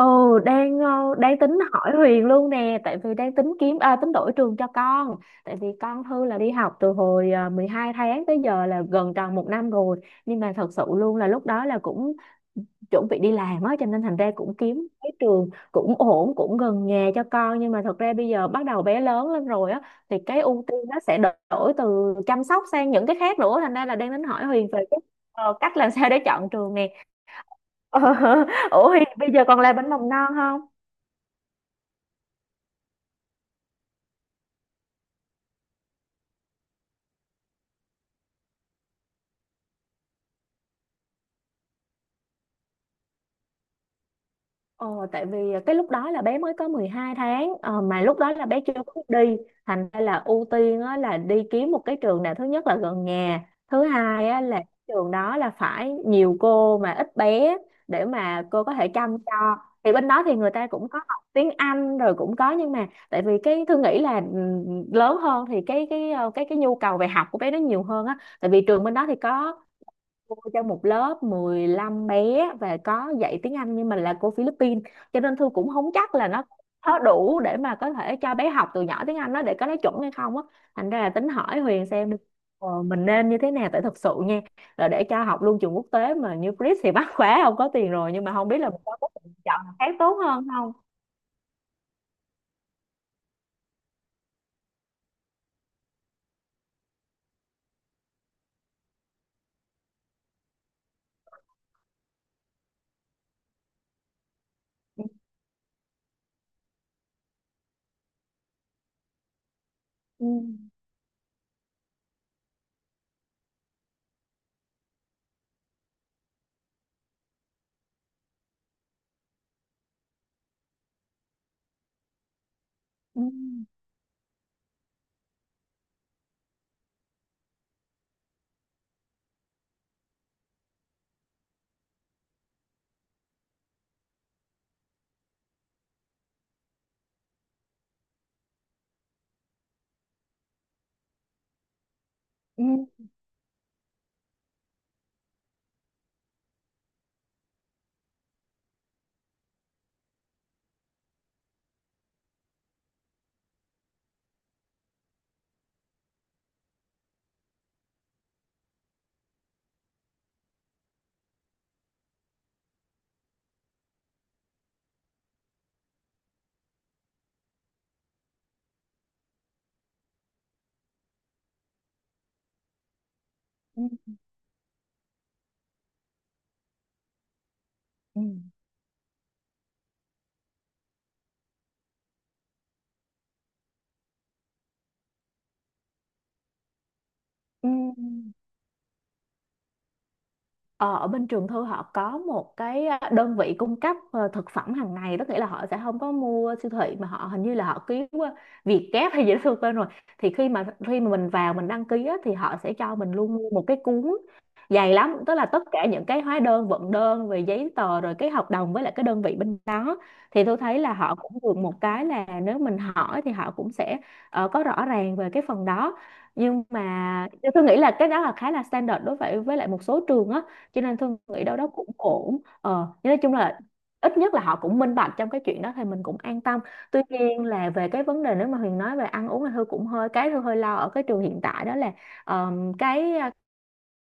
Ừ. Đang tính hỏi Huyền luôn nè, tại vì đang tính kiếm, tính đổi trường cho con. Tại vì con Thư là đi học từ hồi 12 tháng, tới giờ là gần tròn một năm rồi. Nhưng mà thật sự luôn là lúc đó là cũng chuẩn bị đi làm á, cho nên thành ra cũng kiếm cái trường cũng ổn, cũng gần nhà cho con. Nhưng mà thật ra bây giờ bắt đầu bé lớn lên rồi á, thì cái ưu tiên nó sẽ đổi từ chăm sóc sang những cái khác nữa, thành ra là đang tính hỏi Huyền về cái cách làm sao để chọn trường nè. Ờ, ủa Huyền bây giờ còn làm bánh mầm non không? Ờ, tại vì cái lúc đó là bé mới có 12 tháng mà lúc đó là bé chưa có đi, thành ra là ưu tiên á, là đi kiếm một cái trường nào, thứ nhất là gần nhà, thứ hai á, là trường đó là phải nhiều cô mà ít bé để mà cô có thể chăm cho. Thì bên đó thì người ta cũng có học tiếng Anh rồi cũng có, nhưng mà tại vì cái Thư nghĩ là ừ, lớn hơn thì cái cái nhu cầu về học của bé nó nhiều hơn á, tại vì trường bên đó thì có cô cho một lớp 15 bé và có dạy tiếng Anh, nhưng mà là cô Philippines, cho nên Thư cũng không chắc là nó có đủ để mà có thể cho bé học từ nhỏ tiếng Anh đó để có nói chuẩn hay không á. Thành ra là tính hỏi Huyền xem đi, ờ, mình nên như thế nào, tại thật sự nha, là để cho học luôn trường quốc tế mà như Chris thì mắc quá, không có tiền rồi, nhưng mà không biết là mình có lựa chọn nào khác tốt hơn không. Ừ. Ừ. Ừ. Ừ. Ừ. Ừ. Ừ. Ừ. Ờ, ở bên trường Thư họ có một cái đơn vị cung cấp thực phẩm hàng ngày đó, nghĩa là họ sẽ không có mua siêu thị, mà họ hình như là họ ký qua Vietgap hay gì đó Thư quên rồi. Thì khi mà mình vào mình đăng ký á, thì họ sẽ cho mình luôn mua một cái cuốn dày lắm, tức là tất cả những cái hóa đơn vận đơn về giấy tờ, rồi cái hợp đồng với lại cái đơn vị bên đó. Thì tôi thấy là họ cũng được một cái là nếu mình hỏi thì họ cũng sẽ có rõ ràng về cái phần đó. Nhưng mà tôi nghĩ là cái đó là khá là standard đối với lại một số trường á, cho nên tôi nghĩ đâu đó cũng ổn. Ờ, nhưng nói chung là ít nhất là họ cũng minh bạch trong cái chuyện đó thì mình cũng an tâm. Tuy nhiên là về cái vấn đề nếu mà Huyền nói về ăn uống thì Hương cũng hơi, cái Hương hơi lo ở cái trường hiện tại, đó là ờ, cái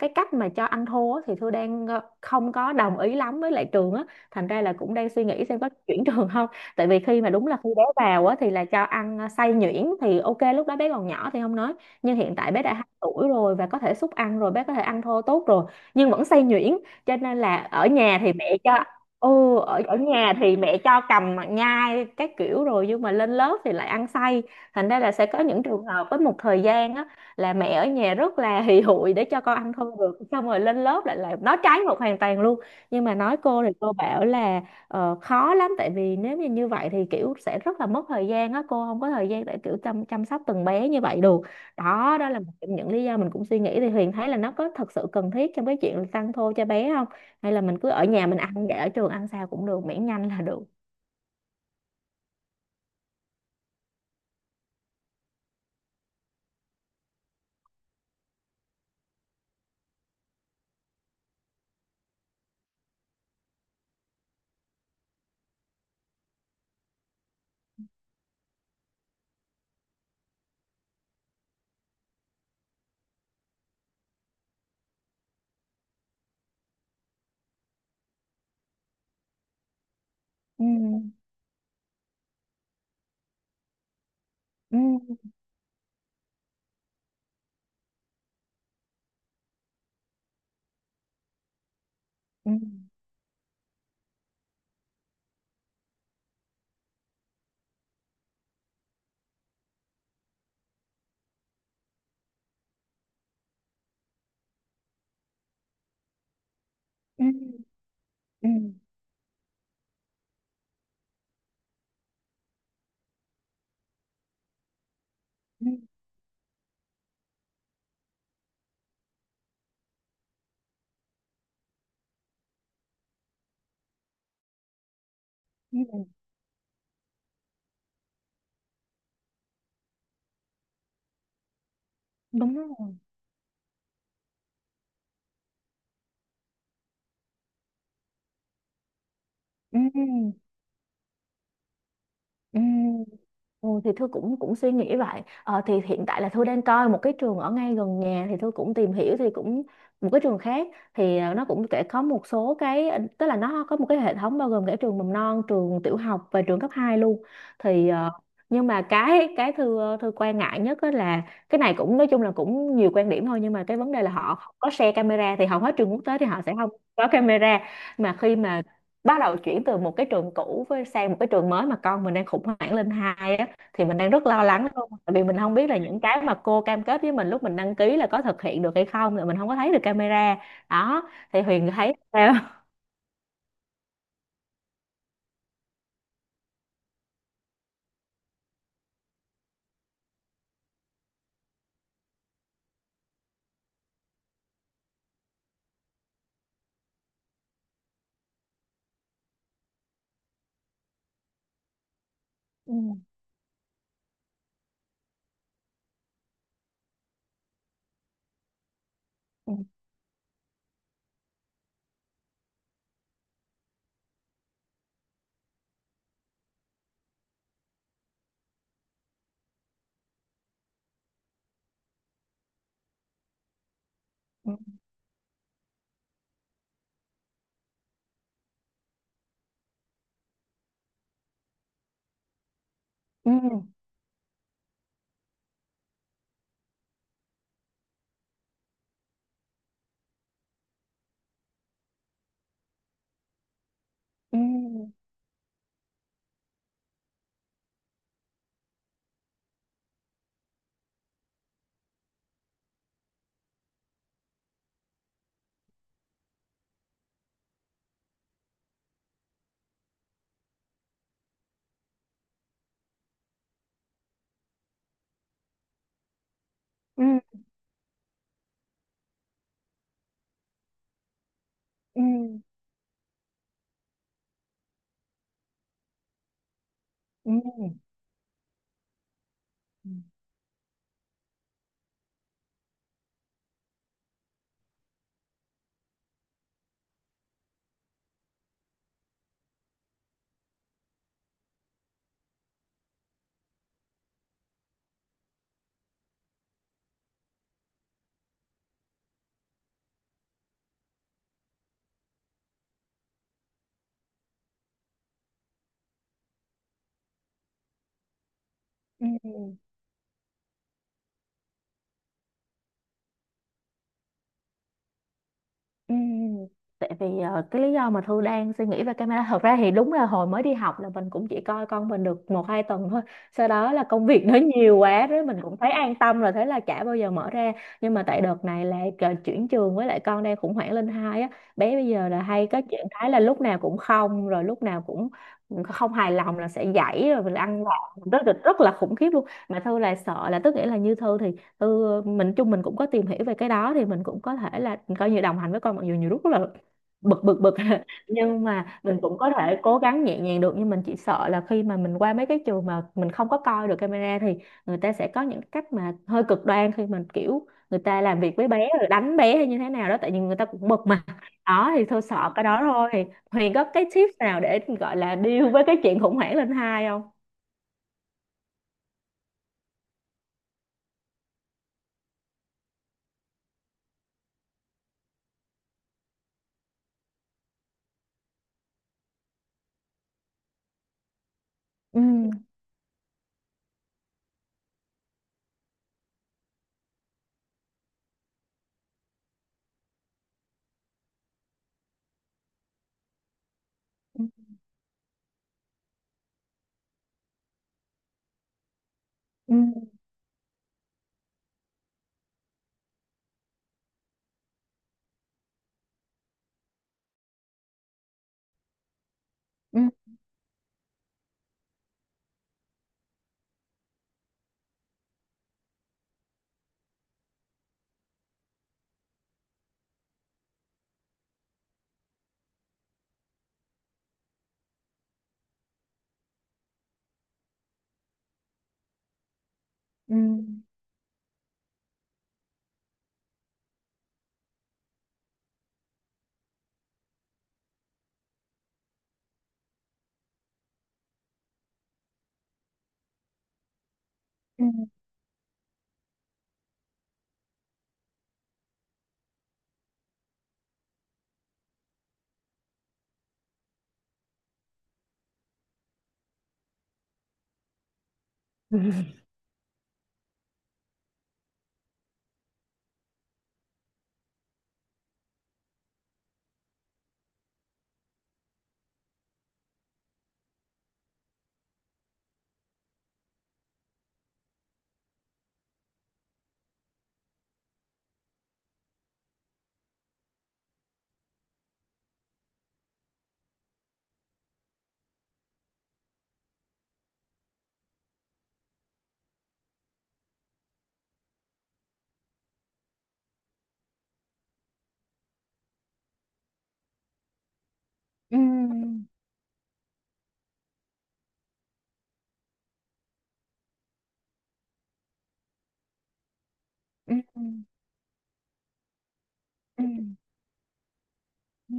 cái cách mà cho anh thua á, thì Thư đang không có đồng ý lắm với lại trường á, thành ra là cũng đang suy nghĩ xem có chuyển trường không. Tại vì khi mà, đúng là khi bé vào á thì là cho ăn xay nhuyễn thì ok, lúc đó bé còn nhỏ thì không nói, nhưng hiện tại bé đã 2 tuổi rồi và có thể xúc ăn rồi, bé có thể ăn thô tốt rồi nhưng vẫn xay nhuyễn. Cho nên là ở nhà thì mẹ cho, ừ, ở ở nhà thì mẹ cho cầm nhai các kiểu rồi, nhưng mà lên lớp thì lại ăn xay. Thành ra là sẽ có những trường hợp với một thời gian á, là mẹ ở nhà rất là hì hụi để cho con ăn không được, xong rồi lên lớp lại là nói trái ngược hoàn toàn luôn. Nhưng mà nói cô thì cô bảo là khó lắm, tại vì nếu như như vậy thì kiểu sẽ rất là mất thời gian á, cô không có thời gian để kiểu chăm, chăm sóc từng bé như vậy được. Đó, đó là một trong những lý do mình cũng suy nghĩ, thì Huyền thấy là nó có thật sự cần thiết trong cái chuyện là tăng thô cho bé không, hay là mình cứ ở nhà mình ăn, để ở trường ăn sao cũng được miễn nhanh là được. Ừ. Ừ. Ừ. Ừ. Ừ. Ừ. Ừ. Đúng rồi. Ừ. Ừ. Ừ, thì Thư cũng cũng suy nghĩ vậy. Ờ, thì hiện tại là Thư đang coi một cái trường ở ngay gần nhà, thì Thư cũng tìm hiểu thì cũng một cái trường khác. Thì ờ, nó cũng kể có một số cái tức là nó có một cái hệ thống bao gồm cả trường mầm non, trường tiểu học và trường cấp 2 luôn. Thì ờ, nhưng mà cái Thư Thư quan ngại nhất á là cái này cũng nói chung là cũng nhiều quan điểm thôi, nhưng mà cái vấn đề là họ không có share camera, thì hầu hết trường quốc tế thì họ sẽ không có camera. Mà khi mà bắt đầu chuyển từ một cái trường cũ với sang một cái trường mới, mà con mình đang khủng hoảng lên 2 á, thì mình đang rất lo lắng luôn, tại vì mình không biết là những cái mà cô cam kết với mình lúc mình đăng ký là có thực hiện được hay không, là mình không có thấy được camera. Đó thì Huyền thấy sao? Ừ. Ừ. Ừ. Ừ. Ừ. Ừ. Ừ. Ừ. Ừ. Ừ. Ừm, tại vì cái lý do mà Thư đang suy nghĩ về camera, thật ra thì đúng là hồi mới đi học là mình cũng chỉ coi con mình được một hai tuần thôi, sau đó là công việc nó nhiều quá đấy, mình cũng thấy an tâm rồi thế là chả bao giờ mở ra. Nhưng mà tại đợt này là chuyển trường, với lại con đang khủng hoảng lên hai á, bé bây giờ là hay có chuyện thái là lúc nào cũng không, rồi lúc nào cũng không hài lòng là sẽ dãy, rồi mình ăn vạ rất là khủng khiếp luôn. Mà Thư là sợ là, tức nghĩa là như Thư thì ừ, mình chung mình cũng có tìm hiểu về cái đó, thì mình cũng có thể là coi như đồng hành với con, mặc dù nhiều lúc rất là bực bực bực nhưng mà mình cũng có thể cố gắng nhẹ nhàng được. Nhưng mình chỉ sợ là khi mà mình qua mấy cái trường mà mình không có coi được camera, thì người ta sẽ có những cách mà hơi cực đoan khi mà kiểu người ta làm việc với bé, rồi đánh bé hay như thế nào đó, tại vì người ta cũng bực mà. Đó thì thôi, sợ cái đó thôi. Thì Huyền có cái tips nào để gọi là deal với cái chuyện khủng hoảng lên 2 không? Ừ. Ừ. Ừ. Ừ. Ừ. Ừ. Ừ. Ừ. Ừ. Ừ. Ừ.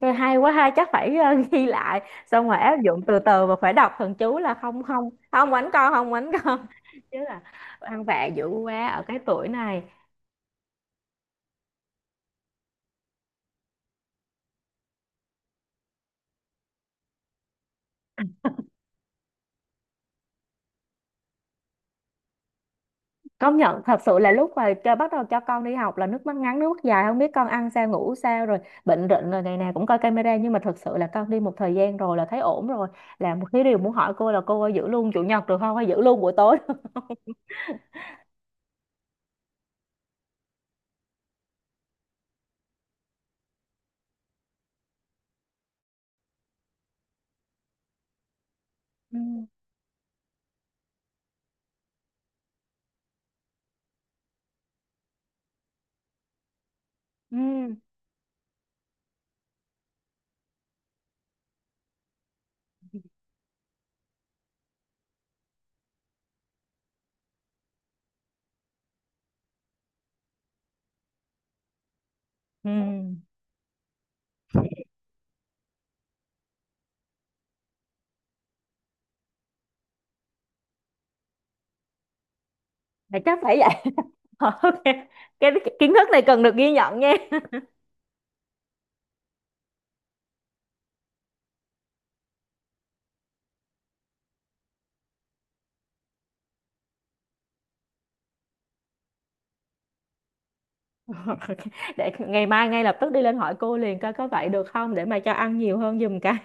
Tôi hay quá ha, chắc phải ghi lại, xong rồi áp dụng từ từ, và phải đọc thần chú là không không không quánh con, không quánh con chứ là ăn vạ dữ quá ở cái tuổi này. Công nhận, thật sự là lúc mà cho bắt đầu cho con đi học là nước mắt ngắn nước mắt dài, không biết con ăn sao ngủ sao, rồi bệnh rịnh, rồi ngày nào cũng coi camera, nhưng mà thật sự là con đi một thời gian rồi là thấy ổn rồi. Là một cái điều muốn hỏi cô là cô ơi, giữ luôn chủ nhật được không, hay giữ luôn buổi tối? Ừ. Ừ. Ừ. Là chắc phải ok, cái kiến thức này cần được ghi nhận nha. Để ngày mai ngay lập tức đi lên hỏi cô liền coi có vậy được không, để mà cho ăn nhiều hơn giùm cái.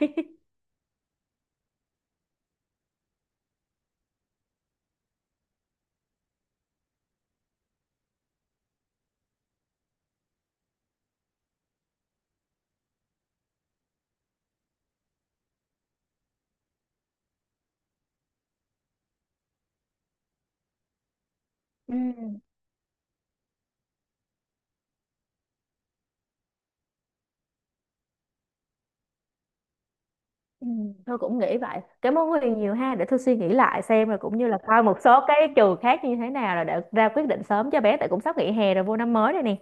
Ừ. Ừ. Tôi cũng nghĩ vậy, cảm ơn Huyền nhiều ha. Để tôi suy nghĩ lại xem, rồi cũng như là coi một số cái trường khác như thế nào rồi để ra quyết định sớm cho bé, tại cũng sắp nghỉ hè rồi, vô năm mới rồi nè.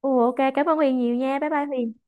Ồ, ok, cảm ơn Huyền nhiều nha, bye bye Huyền.